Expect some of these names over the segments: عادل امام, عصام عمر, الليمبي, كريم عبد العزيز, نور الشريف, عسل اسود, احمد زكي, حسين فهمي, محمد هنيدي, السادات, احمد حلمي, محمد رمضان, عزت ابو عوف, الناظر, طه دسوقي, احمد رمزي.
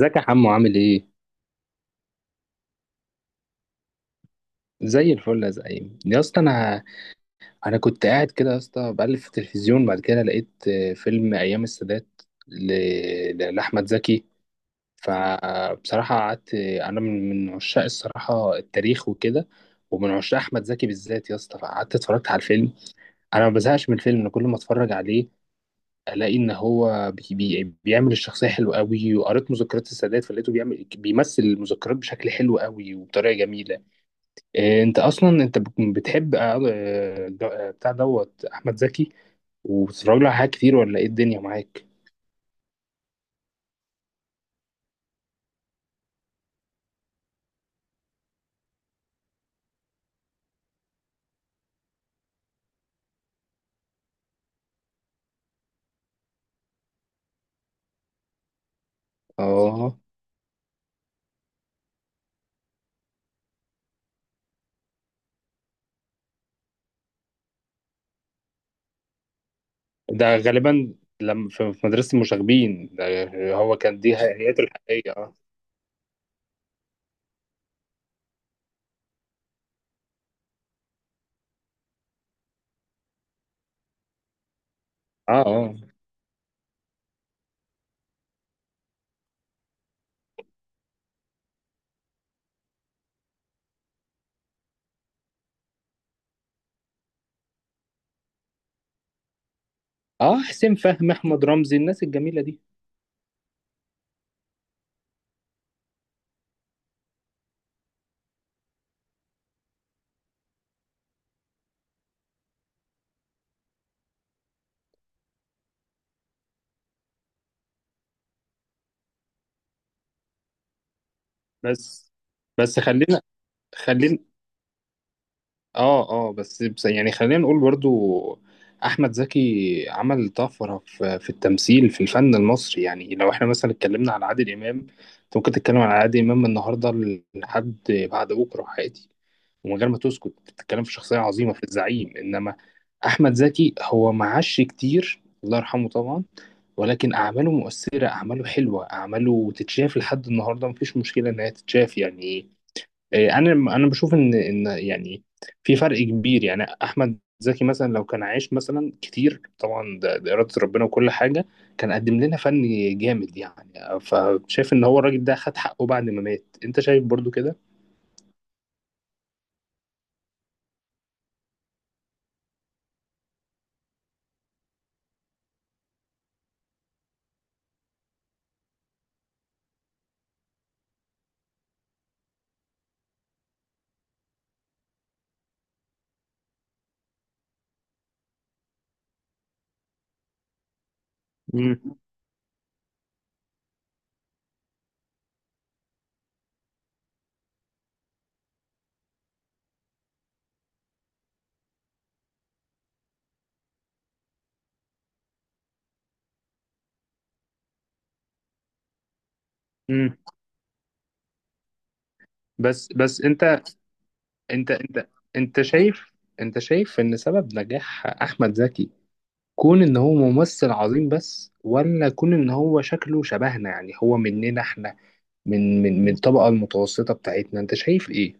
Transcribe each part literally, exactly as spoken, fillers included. ازيك يا حمو، عامل ايه؟ زي الفل يا زعيم يا اسطى. انا انا كنت قاعد كده يا اسطى، بقلب في التلفزيون، بعد كده لقيت آه، فيلم ايام السادات، ل... ل- لاحمد زكي. فبصراحه قعدت، انا من من عشاق الصراحه التاريخ وكده، ومن عشاق احمد زكي بالذات يا اسطى، فقعدت اتفرجت على الفيلم. انا ما بزهقش من الفيلم، انا كل ما اتفرج عليه الاقي ان هو بي... بي... بيعمل الشخصيه حلو قوي. وقريت مذكرات السادات فلقيته بيعمل بيمثل المذكرات بشكل حلو قوي وبطريقه جميله. إيه، انت اصلا انت بت- بتحب آه، آه، جو- آه، بتاع دوت احمد زكي، وبتتفرج له على حاجات كتير، ولا ايه الدنيا معاك؟ اه. ده غالبا لما في في مدرسه المشاغبين ده، هو كان دي حياته الحقيقيه. اه اه، اه، اه، حسين فهمي، احمد رمزي، الناس الجميله دي. بس بس خلينا خلينا. اه اه، بس بس يعني خلينا نقول برضو احمد زكي عمل طفره في في التمثيل في الفن المصري. يعني لو احنا مثلا اتكلمنا على عادل امام، انت ممكن تتكلم على عادل امام من النهارده لحد بعد بكره عادي، ومن غير ما تسكت بتتكلم في شخصيه عظيمه في الزعيم. انما احمد زكي هو معاش كتير، الله يرحمه طبعا، ولكن اعماله مؤثره، اعماله حلوه، اعماله تتشاف لحد النهارده، مفيش مشكله انها تتشاف يعني. آه، انا انا بشوف ان ان يعني في فرق كبير. يعني احمد زكي مثلا لو كان عايش مثلا كتير طبعا، ده, ده اراده ربنا وكل حاجه، كان قدم لنا فن جامد يعني. فشايف ان هو الراجل ده خد حقه بعد ما مات، انت شايف برضو كده؟ مم. مم. بس بس انت انت انت انت شايف انت شايف ان سبب نجاح احمد زكي كون ان هو ممثل عظيم بس، ولا كون ان هو شكله شبهنا، يعني هو مننا احنا، من من من الطبقة المتوسطة بتاعتنا، انت شايف ايه؟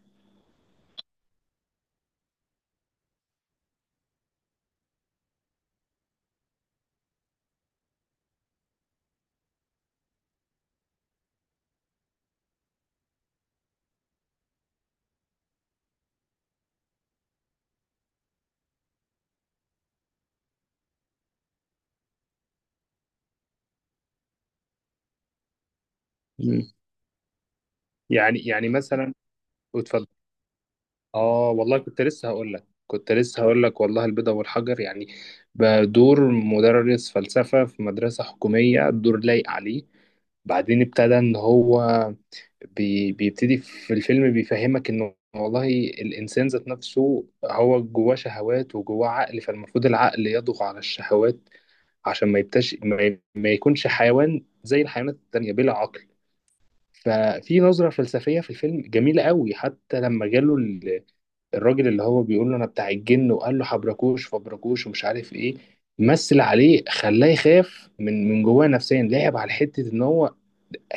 مم. يعني يعني مثلا. اتفضل. اه والله، كنت لسه هقول لك كنت لسه هقول لك والله، البيضة والحجر، يعني بدور مدرس فلسفة في مدرسة حكومية، الدور لايق عليه. بعدين ابتدى ان هو بي بيبتدي في الفيلم، بيفهمك انه والله الانسان ذات نفسه هو جواه شهوات وجواه عقل، فالمفروض العقل يضغط على الشهوات عشان ما يبتش ما, ي... ما يكونش حيوان زي الحيوانات التانية بلا عقل. ففي نظرة فلسفية في الفيلم جميلة قوي. حتى لما جاله ال- الراجل اللي هو بيقول له انا بتاع الجن، وقال له حبركوش فبركوش ومش عارف ايه، مثل عليه خلاه يخاف من من جواه نفسيا، لعب على حتة ان هو،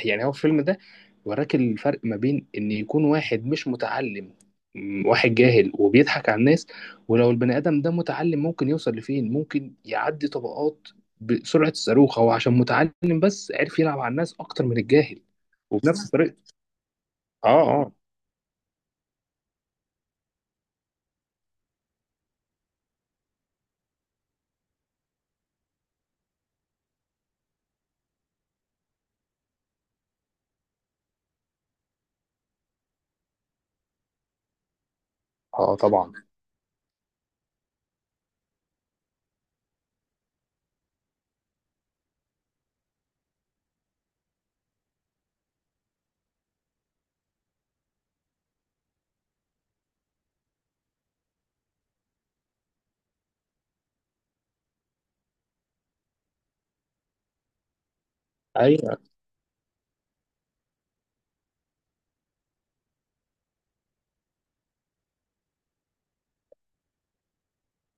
يعني هو الفيلم ده وراك الفرق ما بين ان يكون واحد مش متعلم، م- واحد جاهل وبيضحك على الناس، ولو البني ادم ده متعلم ممكن يوصل لفين، ممكن يعدي طبقات بسرعة الصاروخ، هو عشان متعلم بس عرف يلعب على الناس اكتر من الجاهل. وبنفس طريقة. اه، اه، اه، طبعا. ايوه.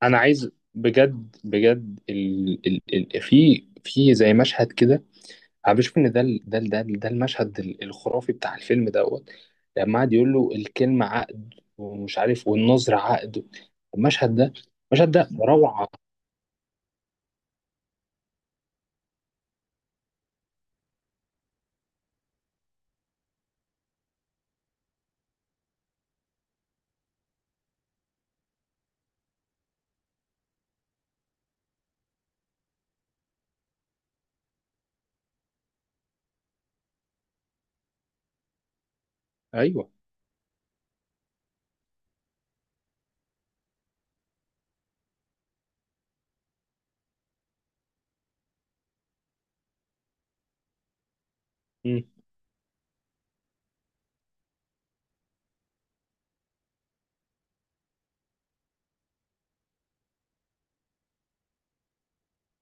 انا عايز بجد بجد ال... ال... ال... في في زي مشهد كده، انا بشوف ان ده ال... ده ال... ده, ال... ده المشهد ال- الخرافي بتاع الفيلم دوت. لما قعد يقول له الكلمة عقد ومش عارف، والنظر عقد. المشهد ده المشهد ده روعة. ايوه. مم.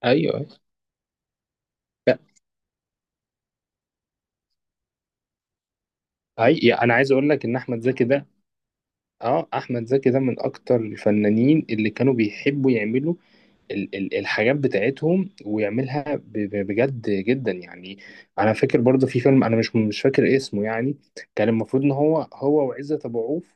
ايوه، أيوة. لا، أي... انا عايز اقول لك ان احمد زكي ده، اه، احمد زكي ده من اكتر الفنانين اللي كانوا بيحبوا يعملوا ال- ال- الحاجات بتاعتهم، ويعملها ب- ب- بجد جدا يعني. انا فاكر برضه في فيلم، انا مش مش فاكر اسمه يعني، كان المفروض ان هو هو وعزت ابو عوف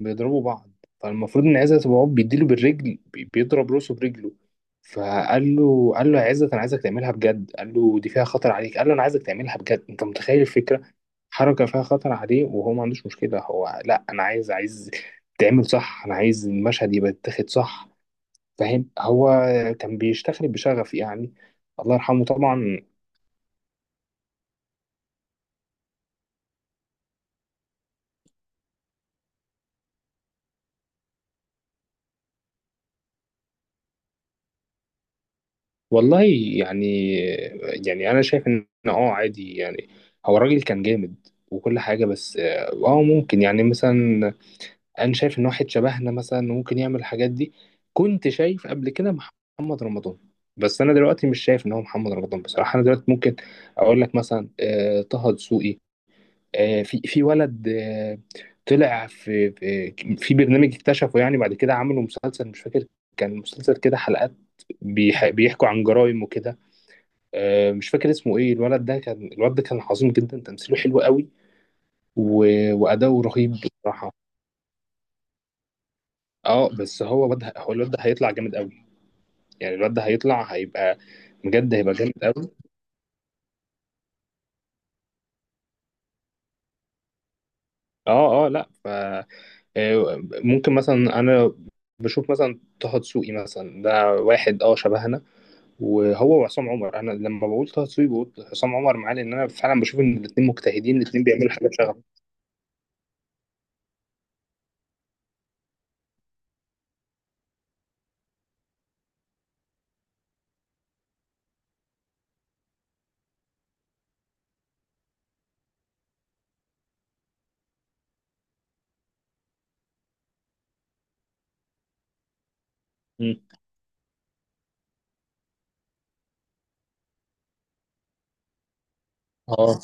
بيضربوا بعض. فالمفروض ان عزت ابو عوف بيديله بالرجل، بي- بيضرب راسه برجله. فقال له، قال له يا عزت، انا عايزك تعملها بجد. قال له دي فيها خطر عليك. قال له انا عايزك تعملها بجد، انت متخيل الفكره؟ حركه فيها خطر عليه وهو ما عندوش مشكله. هو لا، انا عايز عايز تعمل صح، انا عايز المشهد يبقى يتاخد صح، فاهم؟ هو كان بيشتغل بشغف يعني. الله يرحمه طبعا. والله، يعني يعني انا شايف ان اه عادي يعني. هو الراجل كان جامد وكل حاجة، بس اه آه ممكن يعني مثلا. انا شايف ان واحد شبهنا مثلا ممكن يعمل الحاجات دي. كنت شايف قبل كده محمد رمضان، بس انا دلوقتي مش شايف ان هو محمد رمضان بصراحة. انا دلوقتي ممكن اقول لك مثلا آه، طه دسوقي. آه، في في ولد، آه، طلع في في في برنامج اكتشفه، يعني بعد كده عملوا مسلسل مش فاكر، كان مسلسل كده حلقات بيح- بيحكوا عن جرائم وكده. آه، مش فاكر اسمه ايه. الولد ده كان الولد ده كان عظيم جدا، تمثيله حلو قوي، و- وأداؤه رهيب بصراحة. اه، بس هو واد هو الواد ده هيطلع جامد قوي، يعني الواد ده هيطلع هيبقى، بجد هيبقى جامد قوي. اه، اه، لا، ف. آه، ممكن مثلا انا بشوف مثلا طه دسوقي مثلا، ده واحد اه شبهنا. وهو وعصام عمر، انا لما بقول طه دسوقي بقول عصام عمر معاه، لان انا فعلا بشوف ان الاثنين مجتهدين، الاثنين بيعملوا حاجه شغل. مم. اه،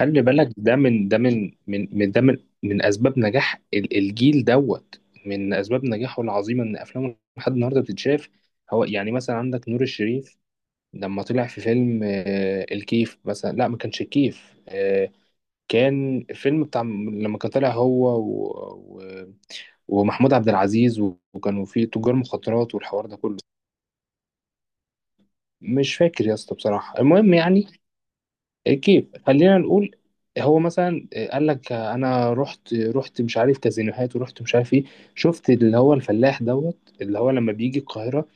خلي بالك، ده من ده من من من- ده من من اسباب نجاح ال- الجيل دوت، من اسباب نجاحه العظيمه ان افلامه لحد النهارده بتتشاف. هو يعني مثلا عندك نور الشريف، لما طلع في فيلم آه، الكيف مثلا. لا ما كانش الكيف، آه، كان فيلم بتاع لما كان طالع هو ومحمود عبد العزيز، وكانوا في تجار مخدرات والحوار ده كله. مش فاكر يا اسطى بصراحة، المهم يعني كيف، خلينا نقول. هو مثلا قال لك انا رحت رحت مش عارف كازينوهات، ورحت مش عارف ايه، شفت اللي هو الفلاح دوت اللي هو لما بيجي القاهرة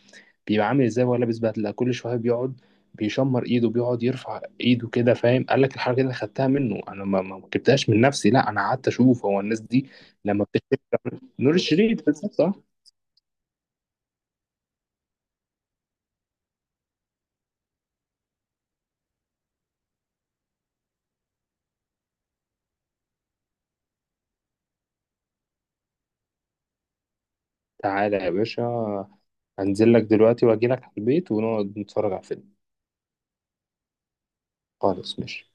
بيبقى عامل ازاي، وهو لابس بدلة، كل شوية بيقعد بيشمر ايده، بيقعد يرفع ايده كده، فاهم؟ قال لك الحركة دي أنا خدتها منه، انا ما ما جبتهاش من نفسي، لا انا قعدت اشوف هو الناس دي لما بتشتري. نور الشريف بالظبط. تعالى يا باشا، هنزل لك دلوقتي واجي لك على البيت ونقعد نتفرج على فيلم. خالص ماشي.